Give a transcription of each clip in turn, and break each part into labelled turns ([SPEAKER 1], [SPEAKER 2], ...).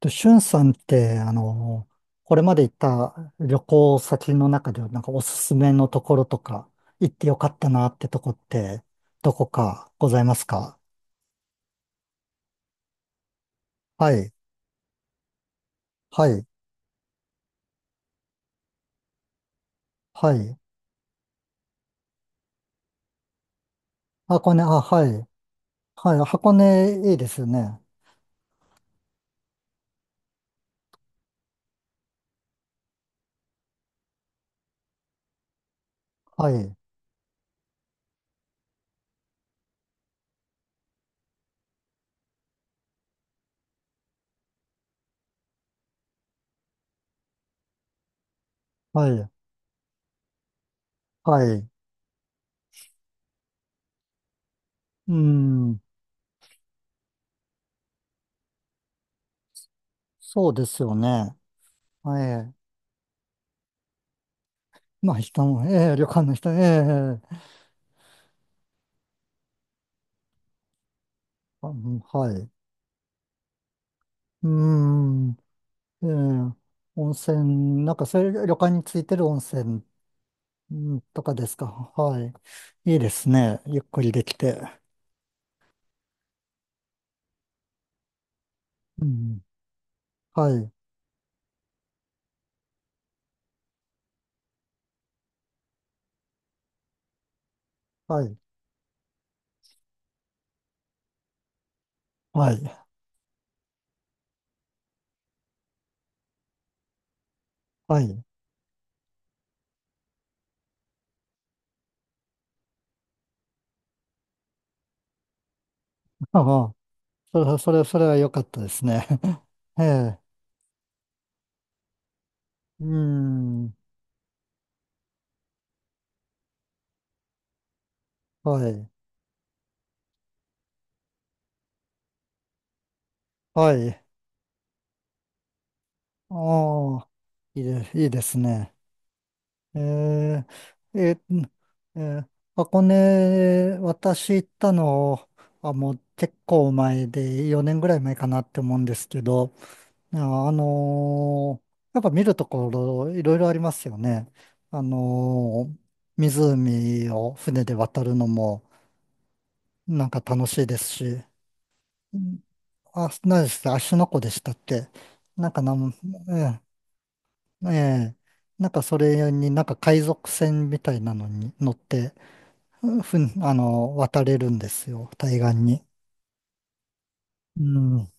[SPEAKER 1] と、しゅんさんって、これまで行った旅行先の中で、なんかおすすめのところとか、行ってよかったなってとこって、どこかございますか？はい、はい、はい。箱根、あ、はい、はい、箱根いいですよね。はい、はい、はい。うん、そうですよね。はい。まあ、人も、ええ旅館の人、ええ、うん、はい。うん、ええ、温泉、なんかそういう旅館についてる温泉、うんとかですか？はい。いいですね。ゆっくりできて。うん。はい。はい。はい。はい。ああ、それは良かったですね。ええ。うん。はい。はい。ああ、いいですね。えー、えー箱根、私行ったのはもう結構前で、4年ぐらい前かなって思うんですけど、ああ、やっぱ見るところいろいろありますよね。あのー湖を船で渡るのもなんか楽しいですし、うん、あ、何でした芦ノ湖でしたっけ？なんかなん、ええ、ええ、なんかそれになんか海賊船みたいなのに乗って、ふん、あの、渡れるんですよ、対岸に。うん。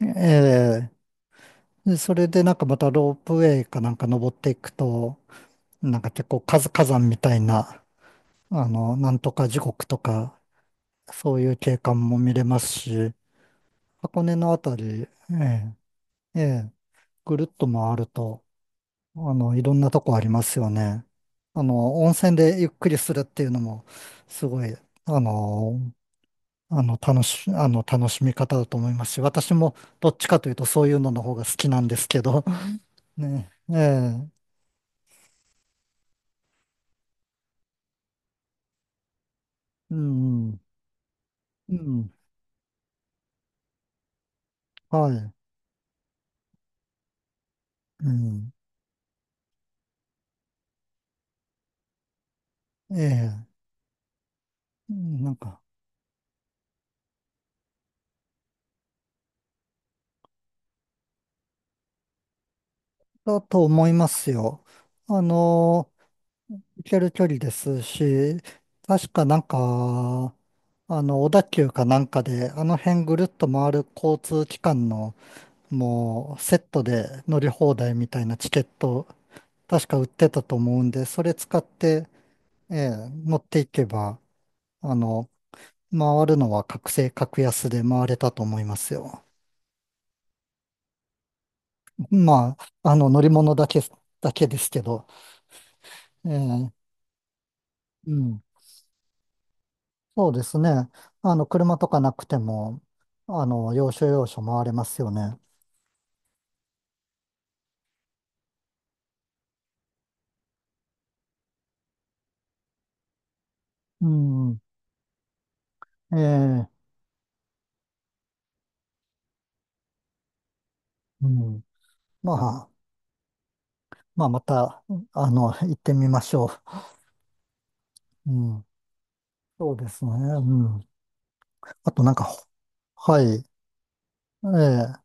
[SPEAKER 1] ええ、でそれでなんかまたロープウェイかなんか登っていくと、なんか結構火山みたいな、あの、なんとか地獄とか、そういう景観も見れますし、箱根のあたり、ええ、ええ、ぐるっと回ると、あの、いろんなとこありますよね。あの、温泉でゆっくりするっていうのも、すごい、あの、楽しみ方だと思いますし、私もどっちかというとそういうのの方が好きなんですけど、ね、ええ、うん、うん、はい、うん、ええ、うんなんか、だと思いますよ。あの、行ける距離ですし、確かなんか、あの、小田急かなんかで、あの辺ぐるっと回る交通機関の、もう、セットで乗り放題みたいなチケット、確か売ってたと思うんで、それ使って、ええ、持っていけば、あの、回るのは覚醒格安で回れたと思いますよ。まあ、あの、乗り物だけですけど、ええ、うん、そうですね。あの、車とかなくても、あの、要所要所回れますよね。うん、ええ、うん。まあ、また、あの、行ってみましょう。うん、そうですね。うん。あとなんか、はい、え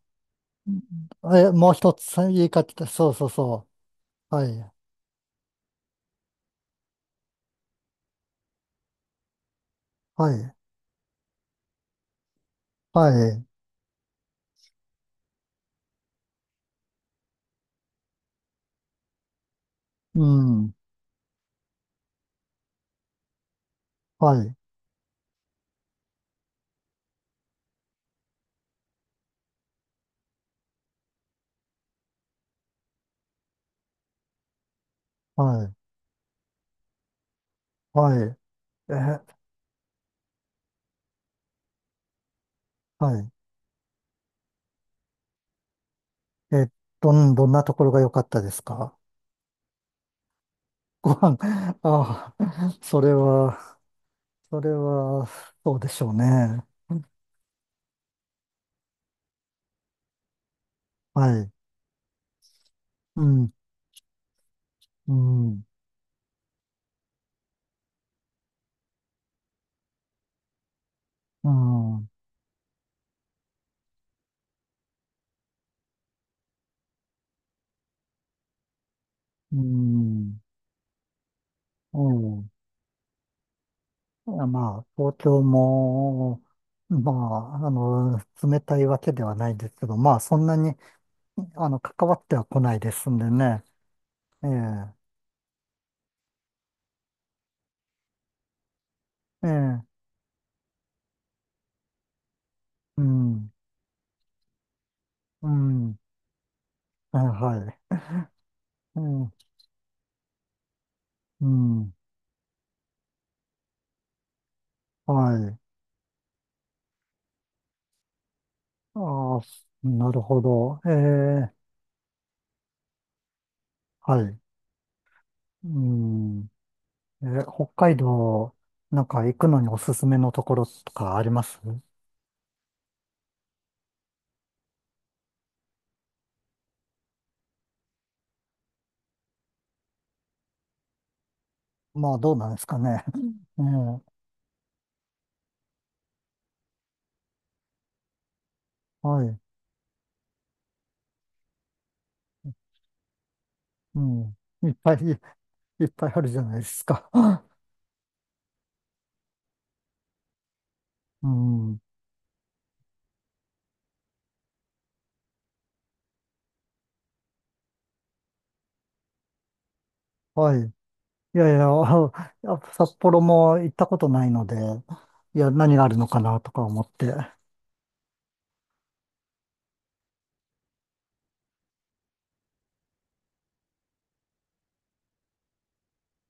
[SPEAKER 1] え、え、もう一つ言いかけた、そうそうそう。はい、はい、はい、うん、はい、はい、はい、え、はい、え、どんなところが良かったですか？ ご飯、ああ、それは、そうでしょうね。はい、うん、うん、うん、うん、うん、いやまあ、東京も、まあ、あの、冷たいわけではないですけど、まあ、そんなに、あの、関わっては来ないですんでね。ええ、ええ、うん。うん。え、はい。えー、うん。はい。ああ、なるほど。ええ、はい。うん。えー、北海道、なんか行くのにおすすめのところとかあります？まあ、どうなんですかね。うん。ええ、はい。うん。いっぱい、いっぱいあるじゃないですか。うん。はい。いやいや、やっぱ札幌も行ったことないので、いや、何があるのかなとか思って。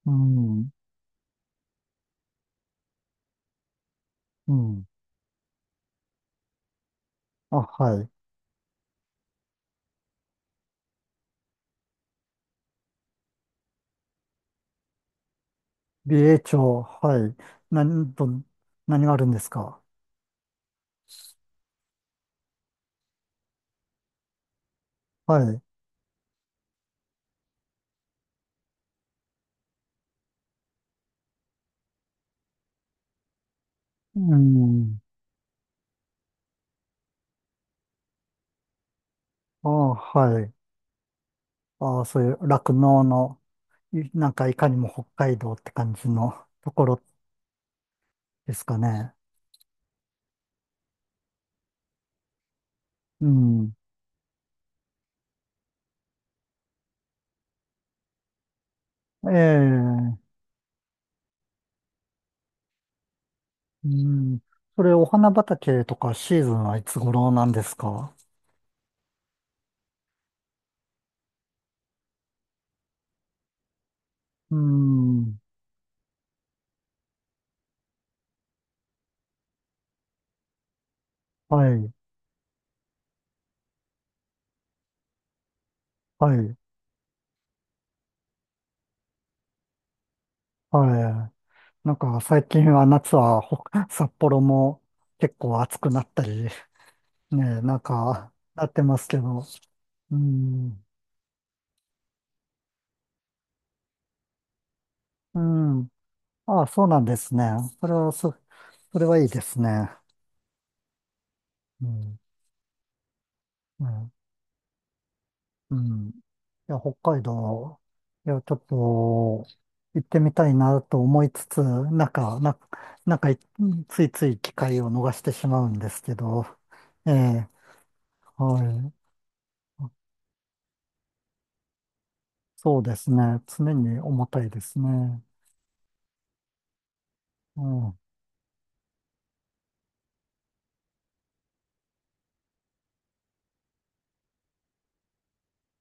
[SPEAKER 1] うん。うん。あ、はい。美瑛町、はい。何と、何があるんですか？はい。うん。ああ、はい。ああ、そういう酪農の、なんかいかにも北海道って感じのところですかね。うん。ええ、うん。それ、お花畑とかシーズンはいつ頃なんですか？うん。はい。はい。はい。なんか最近は夏は札幌も結構暑くなったり、ねえ、なんか、なってますけど。うん。うん。ああ、そうなんですね。それは、そ、それはいいですね。うん。うん。うん、いや、北海道、いや、ちょっと、行ってみたいなと思いつつ、なんか、な、なんかい、ついつい機会を逃してしまうんですけど、ええ、はい。そうですね。常に重たいですね。うん。